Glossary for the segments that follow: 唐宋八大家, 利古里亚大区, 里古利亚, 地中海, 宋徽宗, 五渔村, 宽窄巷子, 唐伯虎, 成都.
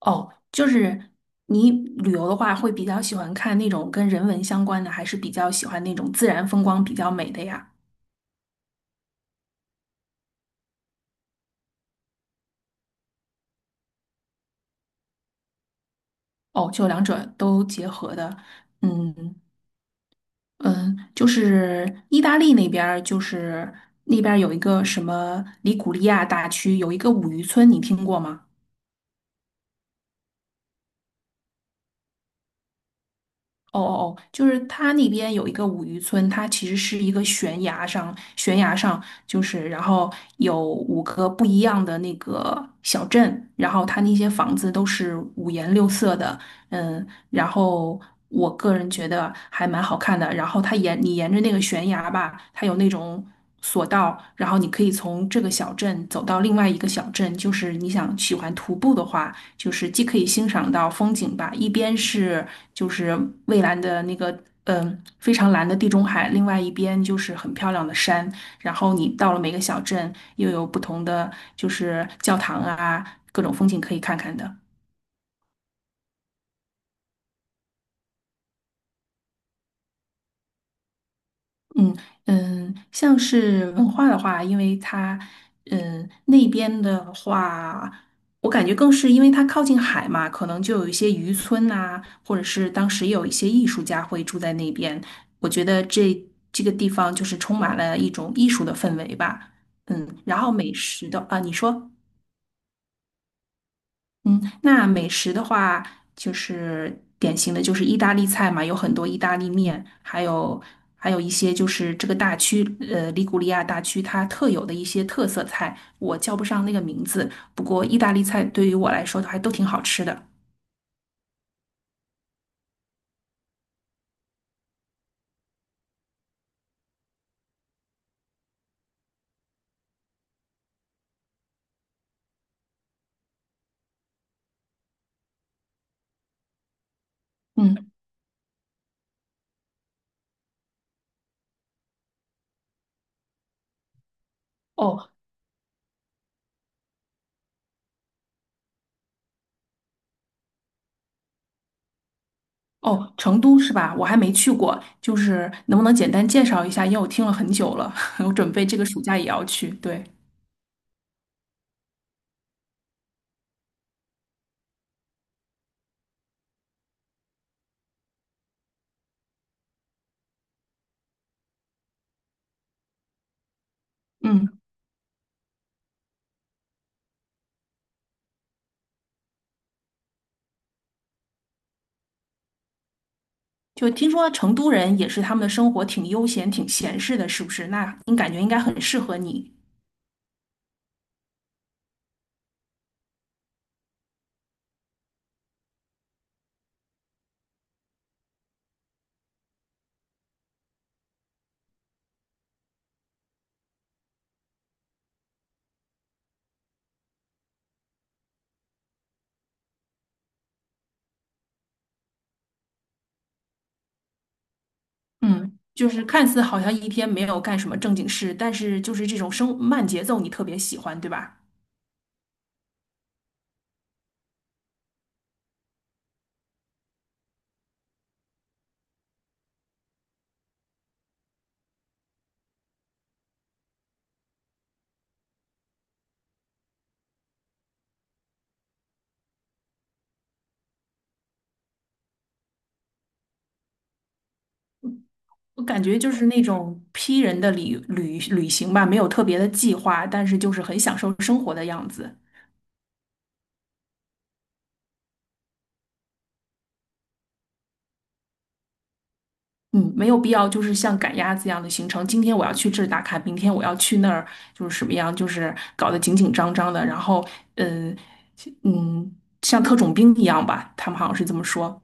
哦，就是你旅游的话，会比较喜欢看那种跟人文相关的，还是比较喜欢那种自然风光比较美的呀？哦，就两者都结合的。嗯嗯，就是意大利那边儿那边儿有一个什么里古利亚大区，有一个五渔村，你听过吗？哦哦哦，就是它那边有一个五渔村，它其实是一个悬崖上，就是然后有五个不一样的那个小镇，然后它那些房子都是五颜六色的，嗯，然后我个人觉得还蛮好看的。然后它沿你沿着那个悬崖吧，它有那种索道，然后你可以从这个小镇走到另外一个小镇，就是你想喜欢徒步的话。就是既可以欣赏到风景吧，一边是就是蔚蓝的那个。嗯，非常蓝的地中海，另外一边就是很漂亮的山，然后你到了每个小镇，又有不同的就是教堂啊，各种风景可以看看的。嗯嗯，像是文化的话，因为它那边的话，我感觉更是因为它靠近海嘛，可能就有一些渔村呐、或者是当时有一些艺术家会住在那边。我觉得这个地方就是充满了一种艺术的氛围吧。嗯，然后美食的啊，你说。嗯，那美食的话，就是典型的就是意大利菜嘛，有很多意大利面，还有一些就是这个大区，利古里亚大区它特有的一些特色菜，我叫不上那个名字。不过意大利菜对于我来说都还都挺好吃的。嗯，哦哦，成都是吧？我还没去过，就是能不能简单介绍一下？因为我听了很久了，我准备这个暑假也要去。对，嗯。就听说成都人也是他们的生活挺悠闲、挺闲适的，是不是？那你感觉应该很适合你。嗯。就是看似好像一天没有干什么正经事，但是就是这种生慢节奏你特别喜欢，对吧？我感觉就是那种 P 人的旅行吧，没有特别的计划，但是就是很享受生活的样子。嗯，没有必要，就是像赶鸭子一样的行程。今天我要去这儿打卡，明天我要去那儿，就是什么样，就是搞得紧紧张张的。然后，嗯，嗯，像特种兵一样吧，他们好像是这么说。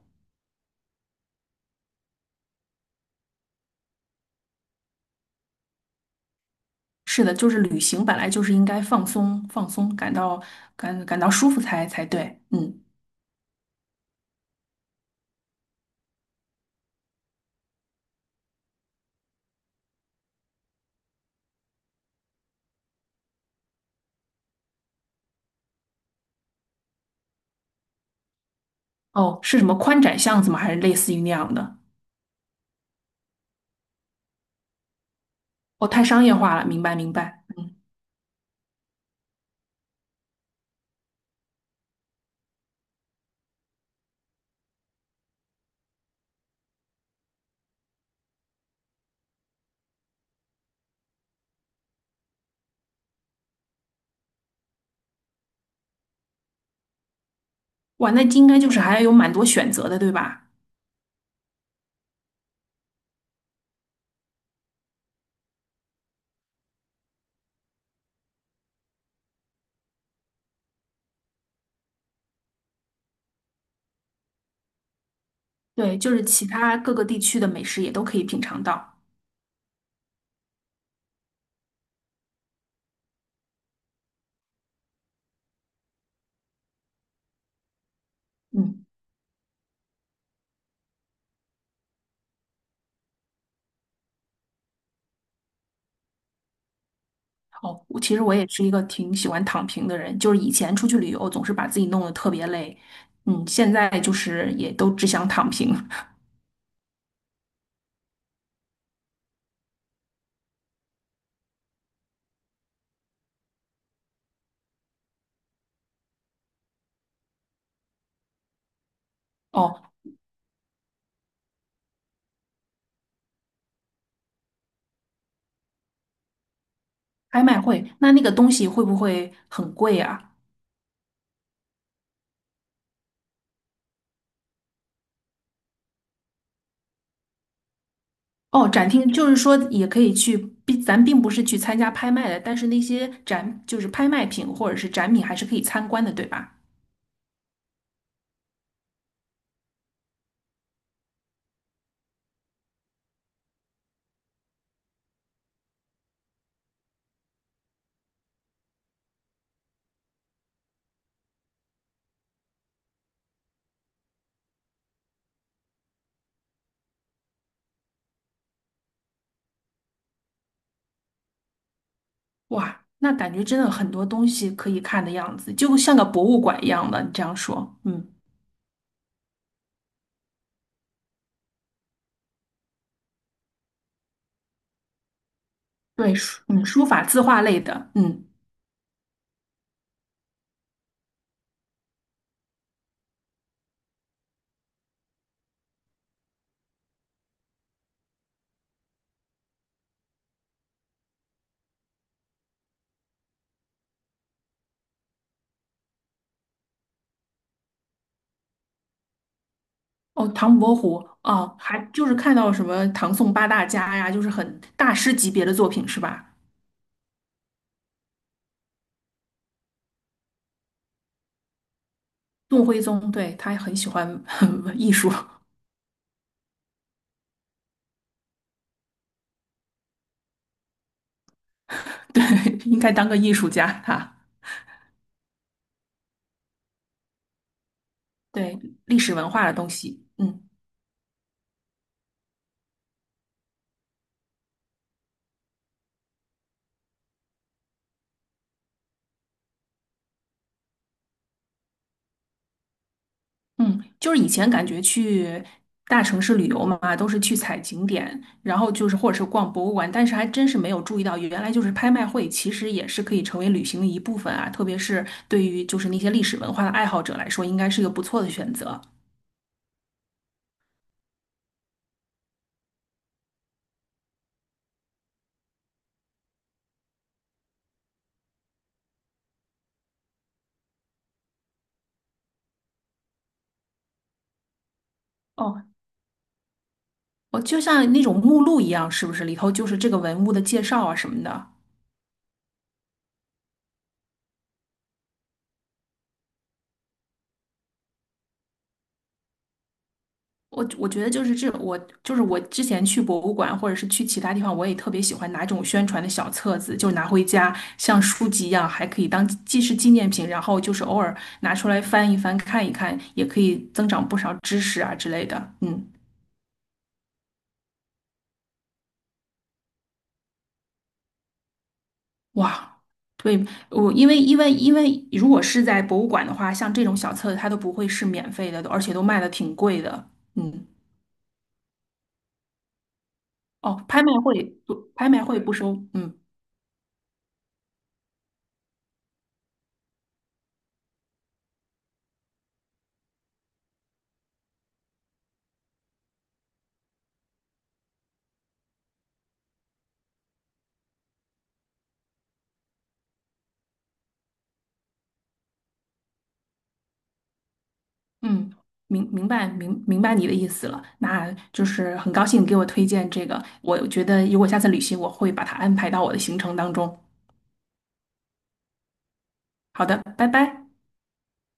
是的，就是旅行本来就是应该放松放松，感到舒服才对。嗯，哦，是什么宽窄巷子吗？还是类似于那样的？哦，太商业化了，明白明白。嗯，哇，那应该就是还有蛮多选择的，对吧？对，就是其他各个地区的美食也都可以品尝到。嗯。哦，我其实也是一个挺喜欢躺平的人，就是以前出去旅游总是把自己弄得特别累，嗯，现在就是也都只想躺平。哦，拍卖会，那那个东西会不会很贵啊？哦，展厅就是说也可以去，并不是去参加拍卖的，但是那些展就是拍卖品或者是展品还是可以参观的，对吧？哇，那感觉真的很多东西可以看的样子，就像个博物馆一样的。你这样说，嗯，对，书嗯，书法、字画类的，嗯。哦，唐伯虎。哦，还就是看到什么唐宋八大家呀，就是很大师级别的作品是吧？宋徽宗，对，他很喜欢 艺术，对，应该当个艺术家哈。对，历史文化的东西，嗯，嗯，就是以前感觉去大城市旅游嘛，都是去踩景点，然后就是或者是逛博物馆，但是还真是没有注意到，原来就是拍卖会其实也是可以成为旅行的一部分啊，特别是对于就是那些历史文化的爱好者来说，应该是一个不错的选择。哦，我就像那种目录一样，是不是里头就是这个文物的介绍啊什么的？我觉得就是这，我就是我之前去博物馆或者是去其他地方，我也特别喜欢拿这种宣传的小册子，就拿回家像书籍一样，还可以当既是纪念品，然后就是偶尔拿出来翻一翻看一看，也可以增长不少知识啊之类的。嗯，哇。对，我因为如果是在博物馆的话，像这种小册子它都不会是免费的，而且都卖的挺贵的。嗯。哦，拍卖会不收，嗯，嗯，明白你的意思了，那就是很高兴你给我推荐这个，我觉得如果下次旅行我会把它安排到我的行程当中。好的，拜拜。